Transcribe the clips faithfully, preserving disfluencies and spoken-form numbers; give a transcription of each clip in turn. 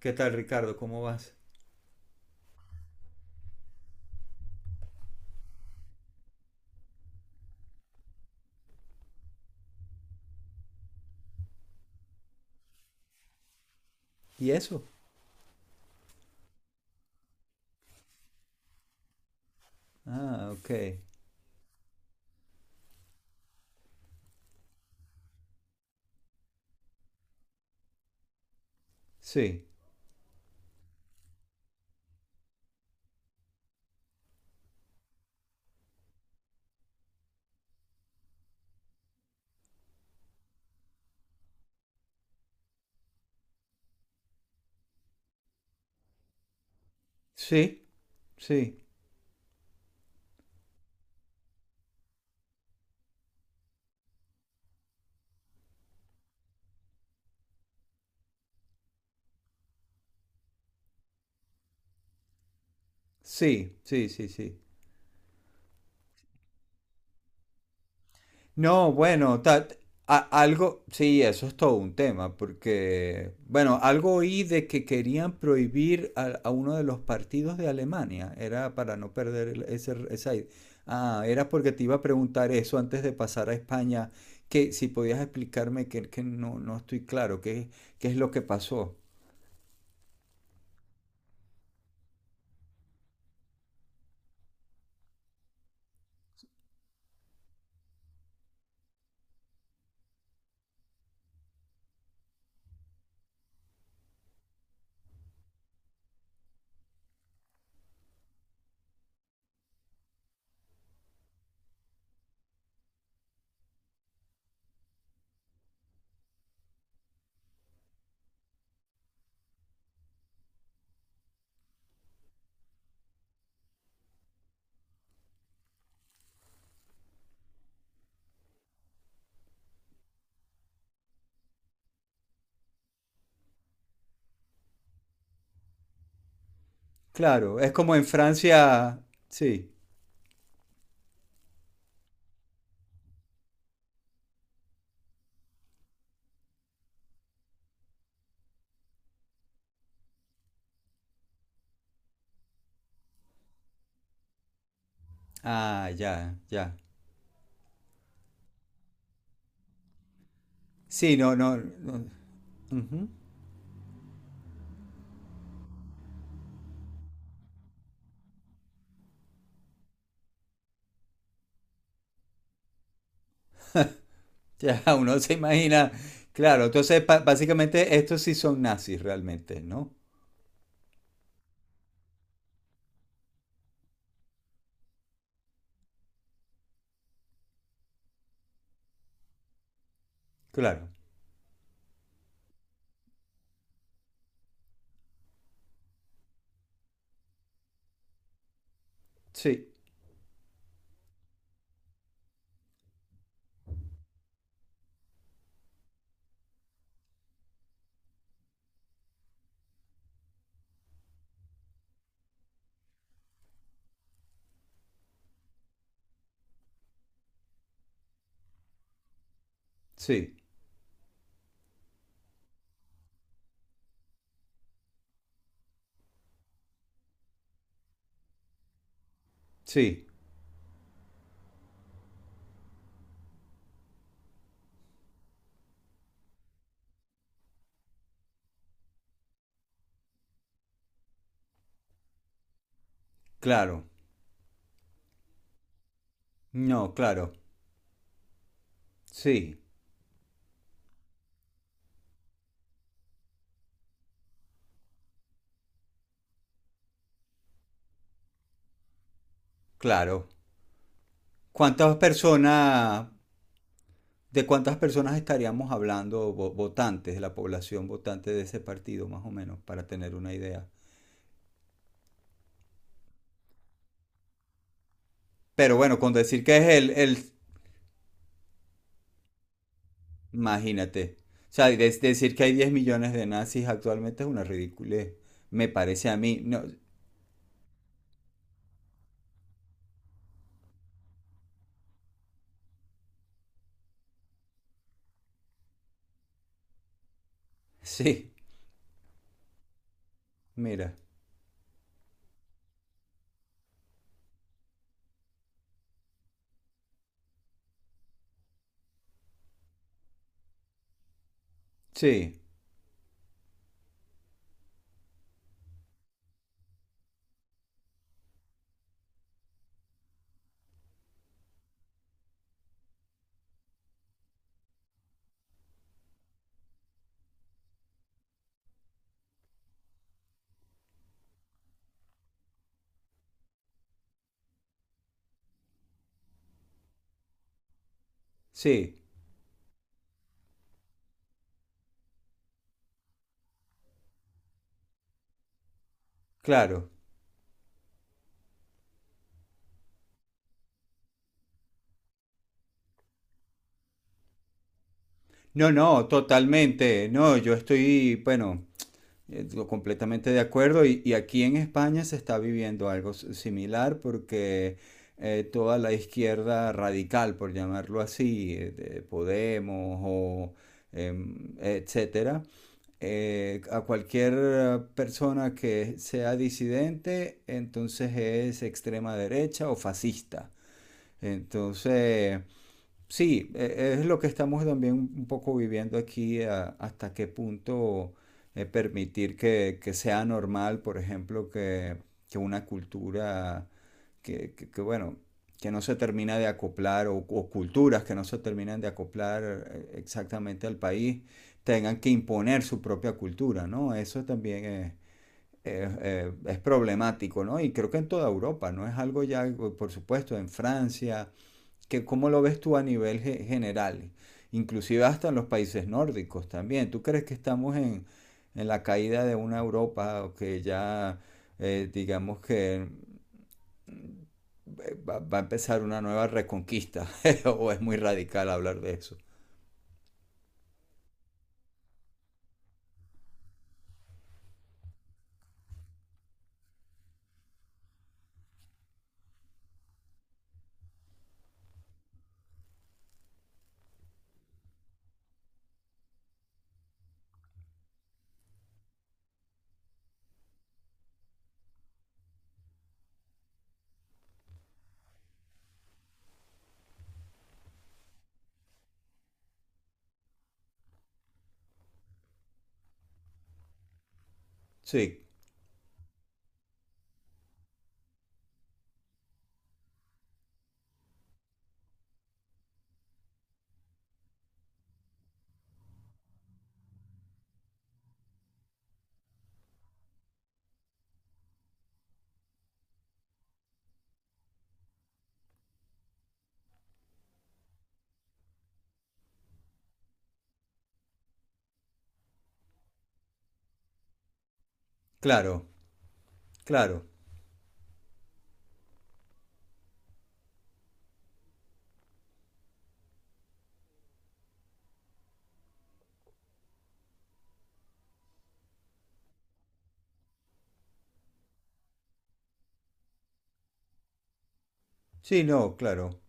¿Qué tal, Ricardo? ¿Cómo vas? ¿Y eso? Ah, ok. Sí, sí, sí, sí, sí, sí, sí. No, bueno, ta- a- algo, sí, eso es todo un tema, porque, bueno, algo oí de que querían prohibir a, a uno de los partidos de Alemania, era para no perder el- ese, esa... i- Ah, era porque te iba a preguntar eso antes de pasar a España, que si podías explicarme que, que no, no estoy claro, qué, qué es lo que pasó. Claro, es como en Francia. Sí. Ah, ya, ya. Sí, no, no. No. Ujú. Ya, uno se imagina. Claro, entonces ba- básicamente estos sí son nazis realmente, ¿no? Claro. Sí, sí, sí. Claro. No, claro. Sí, claro. ¿Cuántas personas, de cuántas personas estaríamos hablando, vo- votantes, de la población votante de ese partido, más o menos, para tener una idea? Pero bueno, con decir que es el, el, Imagínate. O sea, des- decir que hay diez millones de nazis actualmente es una ridiculez. Me parece a mí. No, sí, mira. Sí, sí, claro. No, no, totalmente. No, yo estoy, bueno, eh, completamente de acuerdo. Y, y aquí en España se está viviendo algo s- similar porque eh, toda la izquierda radical, por llamarlo así, eh, de Podemos o em, etcétera eh, a cualquier eh, persona que sea disidente, entonces es extrema derecha o fascista. Entonces, sí, e- es lo que estamos también un poco viviendo aquí, a- hasta qué punto eh, permitir que, que sea normal, por ejemplo, que, que una cultura que, que- que, bueno, que no se termina de acoplar o, o culturas que no se terminan de acoplar eh, exactamente al país, tengan que imponer su propia cultura, ¿no? Eso también es, eh, eh, es problemático, ¿no? Y creo que en toda Europa, ¿no? Es algo ya, por supuesto, en Francia, que ¿cómo lo ves tú a nivel ge- general? Inclusive hasta en los países nórdicos también. ¿Tú crees que estamos en, en la caída de una Europa que ya, eh, digamos que eh, va, va a empezar una nueva reconquista? ¿O es muy radical hablar de eso? Sí, claro, claro. Sí, no, claro.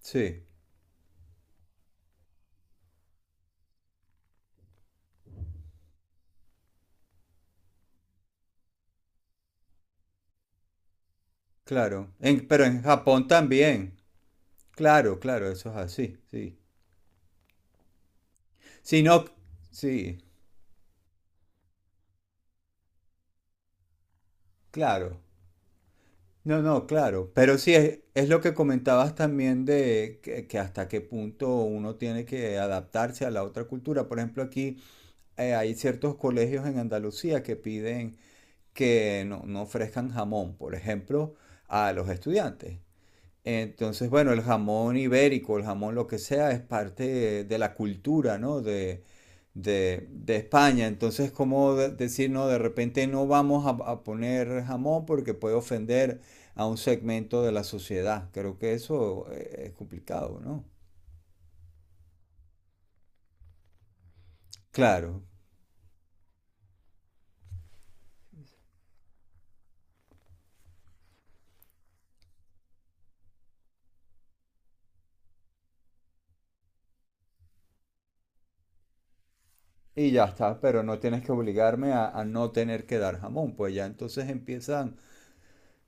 Sí, claro. En- pero en Japón también. Claro, claro, eso es así, sí. Sí, no, sí, claro. No, no, claro. Pero sí, es, es lo que comentabas también de que, que hasta qué punto uno tiene que adaptarse a la otra cultura. Por ejemplo, aquí eh, hay ciertos colegios en Andalucía que piden que no, no ofrezcan jamón, por ejemplo, a los estudiantes. Entonces, bueno, el jamón ibérico, el jamón lo que sea, es parte de, de la cultura, ¿no? De, de, de España. Entonces, ¿cómo de- decir, no, de repente no vamos a, a poner jamón porque puede ofender a un segmento de la sociedad? Creo que eso eh, es complicado, ¿no? Claro. Y ya está, pero no tienes que obligarme a, a no tener que dar jamón, pues ya entonces empiezan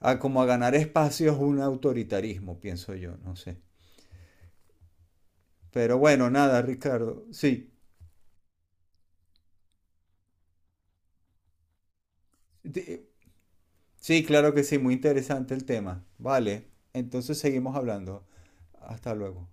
a como a ganar espacios un autoritarismo, pienso yo, no sé. Pero bueno, nada, Ricardo, sí. Di- Sí, claro que sí, muy interesante el tema. Vale, entonces seguimos hablando. Hasta luego.